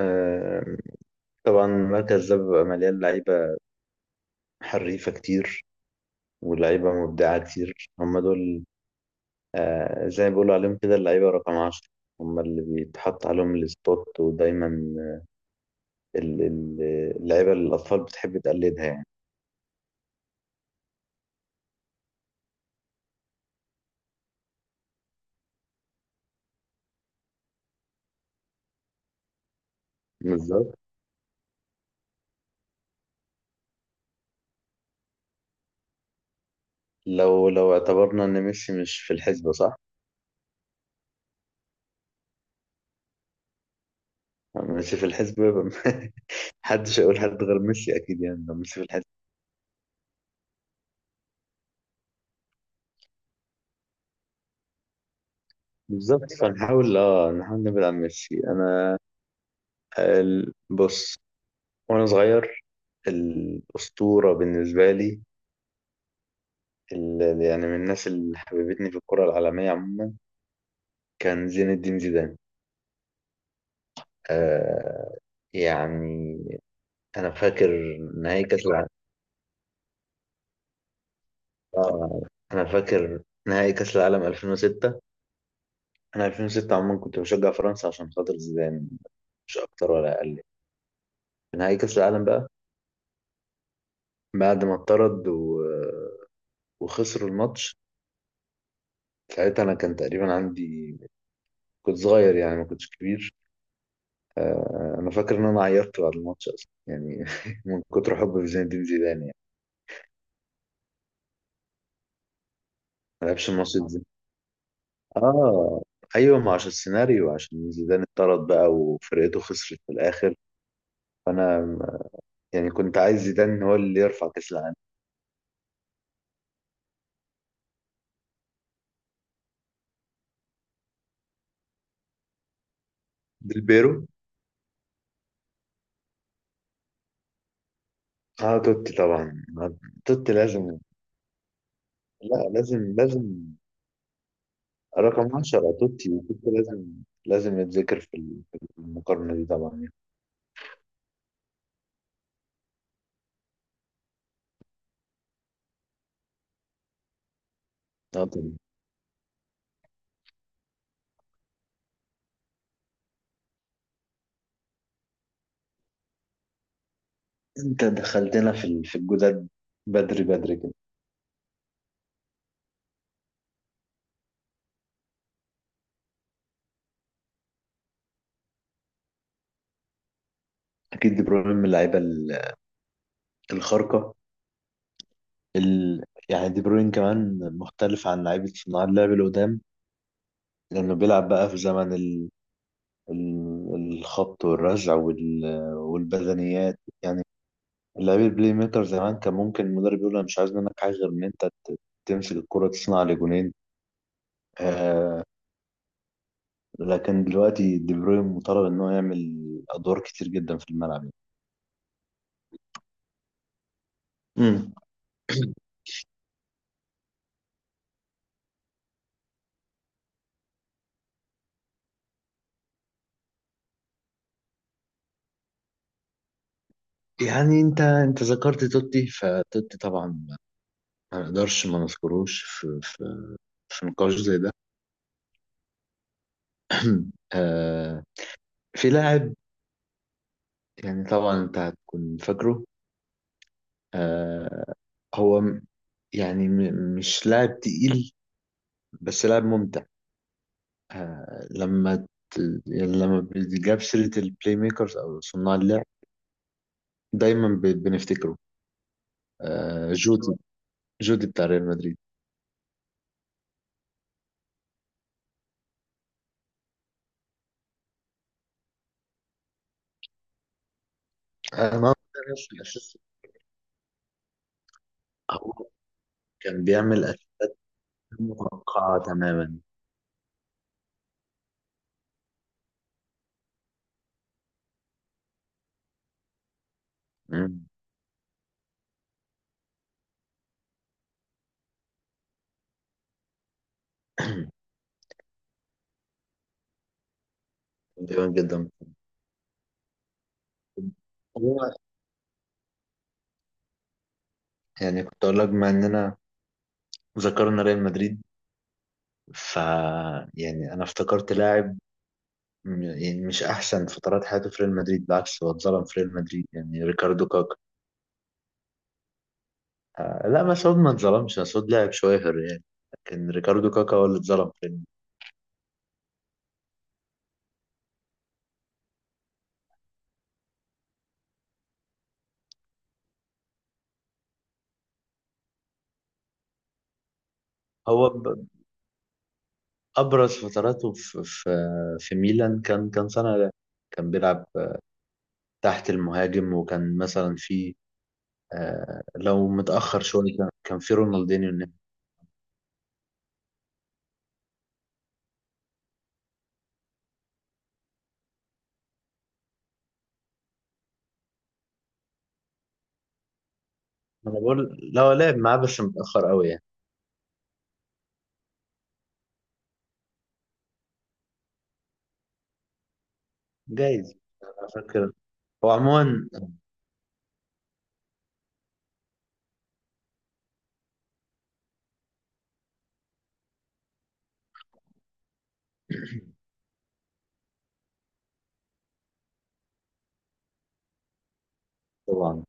آه، طبعا المركز ده بيبقى مليان لعيبة حريفة كتير ولعيبة مبدعة كتير. هم دول زي ما بيقولوا عليهم كده اللعيبة رقم 10. هم اللي بيتحط عليهم السبوت ودايما ال- ال- اللعيبة اللي الأطفال بتحب تقلدها يعني. بالظبط. لو اعتبرنا إن ميسي مش في الحسبة، صح؟ ميسي في الحسبة يبقى محدش هيقول حد غير ميسي، أكيد يعني لو ميسي في الحسبة. بالظبط، فنحاول اه نحاول نبعد عن ميسي. أنا بص، وأنا صغير الأسطورة بالنسبة لي يعني من الناس اللي حببتني في الكرة العالمية عموما كان زين الدين زيدان. آه يعني، أنا فاكر نهائي كأس العالم آه أنا فاكر نهائي كأس العالم 2006. أنا 2006 عموما كنت بشجع فرنسا عشان خاطر زيدان، مش أكتر ولا أقل. في نهائي كأس العالم بقى، بعد ما اتطرد و... وخسروا الماتش. ساعتها، أنا كان تقريبا عندي، كنت صغير يعني، ما كنتش كبير. انا فاكر ان انا عيطت بعد الماتش اصلا يعني من كتر حبي في زين الدين زيدان يعني. ما لعبش الماتش ده. اه، ايوه، ما عشان السيناريو، عشان زيدان اتطرد بقى وفرقته خسرت في الاخر. فانا يعني كنت عايز زيدان هو اللي يرفع كاس العالم. ديل بيرو. اه، توتي طبعا. توتي لازم. لا، لازم لازم. رقم 10، توتي توتي لازم. لازم يتذكر في في المقارنة دي طبعا يعني. طبعاً. انت دخلتنا في في الجداد بدري بدري كده. اكيد دي بروين من اللعيبه الخارقه. يعني دي بروين كمان مختلف عن لعيبه صناع اللعب اللي قدام، لانه بيلعب بقى في زمن الخبط والرزع وال... والبدنيات يعني. لعيب البلاي ميكر زمان كان ممكن المدرب يقول انا مش عايز منك حاجه غير ان انت تمسك الكره تصنع لي جونين. آه... لكن دلوقتي دي بروين مطالب ان هو يعمل ادوار كتير جدا في الملعب. امم. يعني انت ذكرت توتي، فتوتي طبعا ما نقدرش ما نذكروش في في نقاش زي ده. آه في لاعب. يعني طبعا انت هتكون فاكره. آه هو م- يعني م- مش لاعب تقيل بس لاعب ممتع. آه لما ت... يعني لما بيجاب سيرة البلاي ميكرز او صناع اللعب دايما بنفتكره. جودي. جودي بتاع ريال مدريد. انا ما بعرفش الاساس. هو كان بيعمل اساس متوقعة تماما. مم. دايما جدا. هو يعني كنت اقول لك بما اننا ذكرنا ريال مدريد، ف يعني انا افتكرت لاعب مش احسن فترات حياته في ريال مدريد، بالعكس هو اتظلم في ريال مدريد يعني ريكاردو كاكا. لا، مسعود ما اتظلمش. مسعود لاعب شوية يعني. لكن ريكاردو كاكا هو اللي اتظلم في ريال مدريد. هو ب- ابرز فتراته في في ميلان. كان سنة ده كان بيلعب تحت المهاجم. وكان مثلا في لو متأخر شوية كان في رونالدينيو الناحية. انا بقول لو لعب معاه بس متأخر قوي يعني. جايز. انا فاكر. هو عموما طبعا.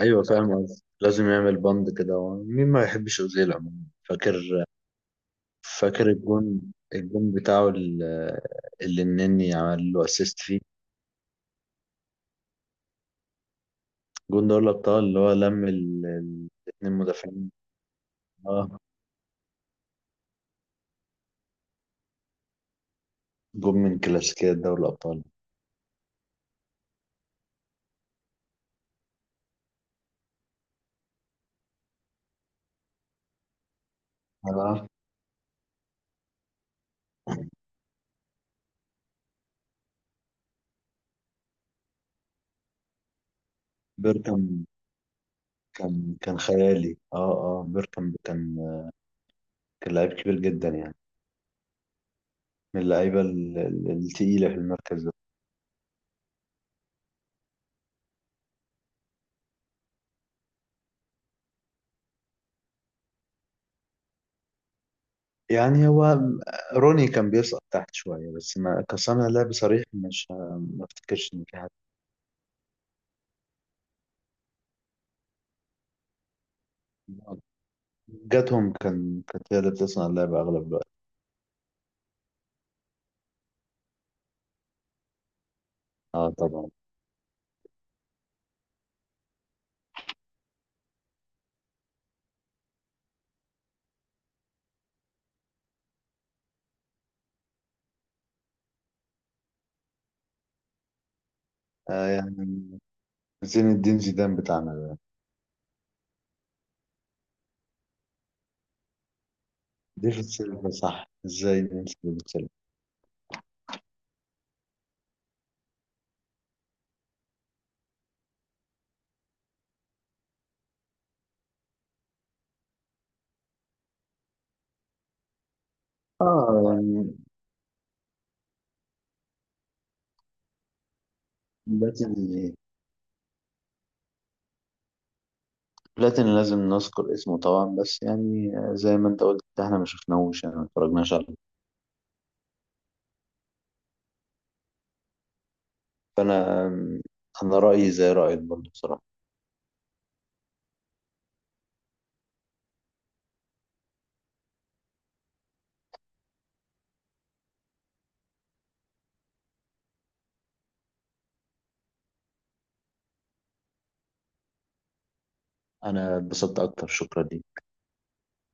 ايوه فاهم قصدي. لازم يعمل بند كده، هو مين ما يحبش اوزيل عموما. فاكر الجون. الجون بتاعه اللي النني عمل له اسيست فيه. الجون ده ولا ابطال، اللي هو لم الاتنين مدافعين. اه، جون من كلاسيكيات دوري الابطال. انا، بيركم كان خيالي. اه بيركم كان لعيب كبير جدا يعني، من اللعيبه التقيله في المركز ده. يعني هو، روني كان بيسقط تحت شوية بس ما كصانع لعب صريح، مش، ما افتكرش ان في حد. جاتهم كانت هي اللي بتصنع اللعب اغلب الوقت. اه طبعا. يعني زين الدين زيدان بتاعنا ده. ديفيد سيلفا، صح، ازاي ننسى ديفيد سيلفا؟ اه يعني بلاتيني. بلاتيني لازم نذكر اسمه طبعا، بس يعني زي ما انت قلت احنا ما شفناهوش، يعني ما اتفرجناش عليه. فانا رأيي زي رأيك برضه بصراحة. انا اتبسطت اكتر، شكرا ليك.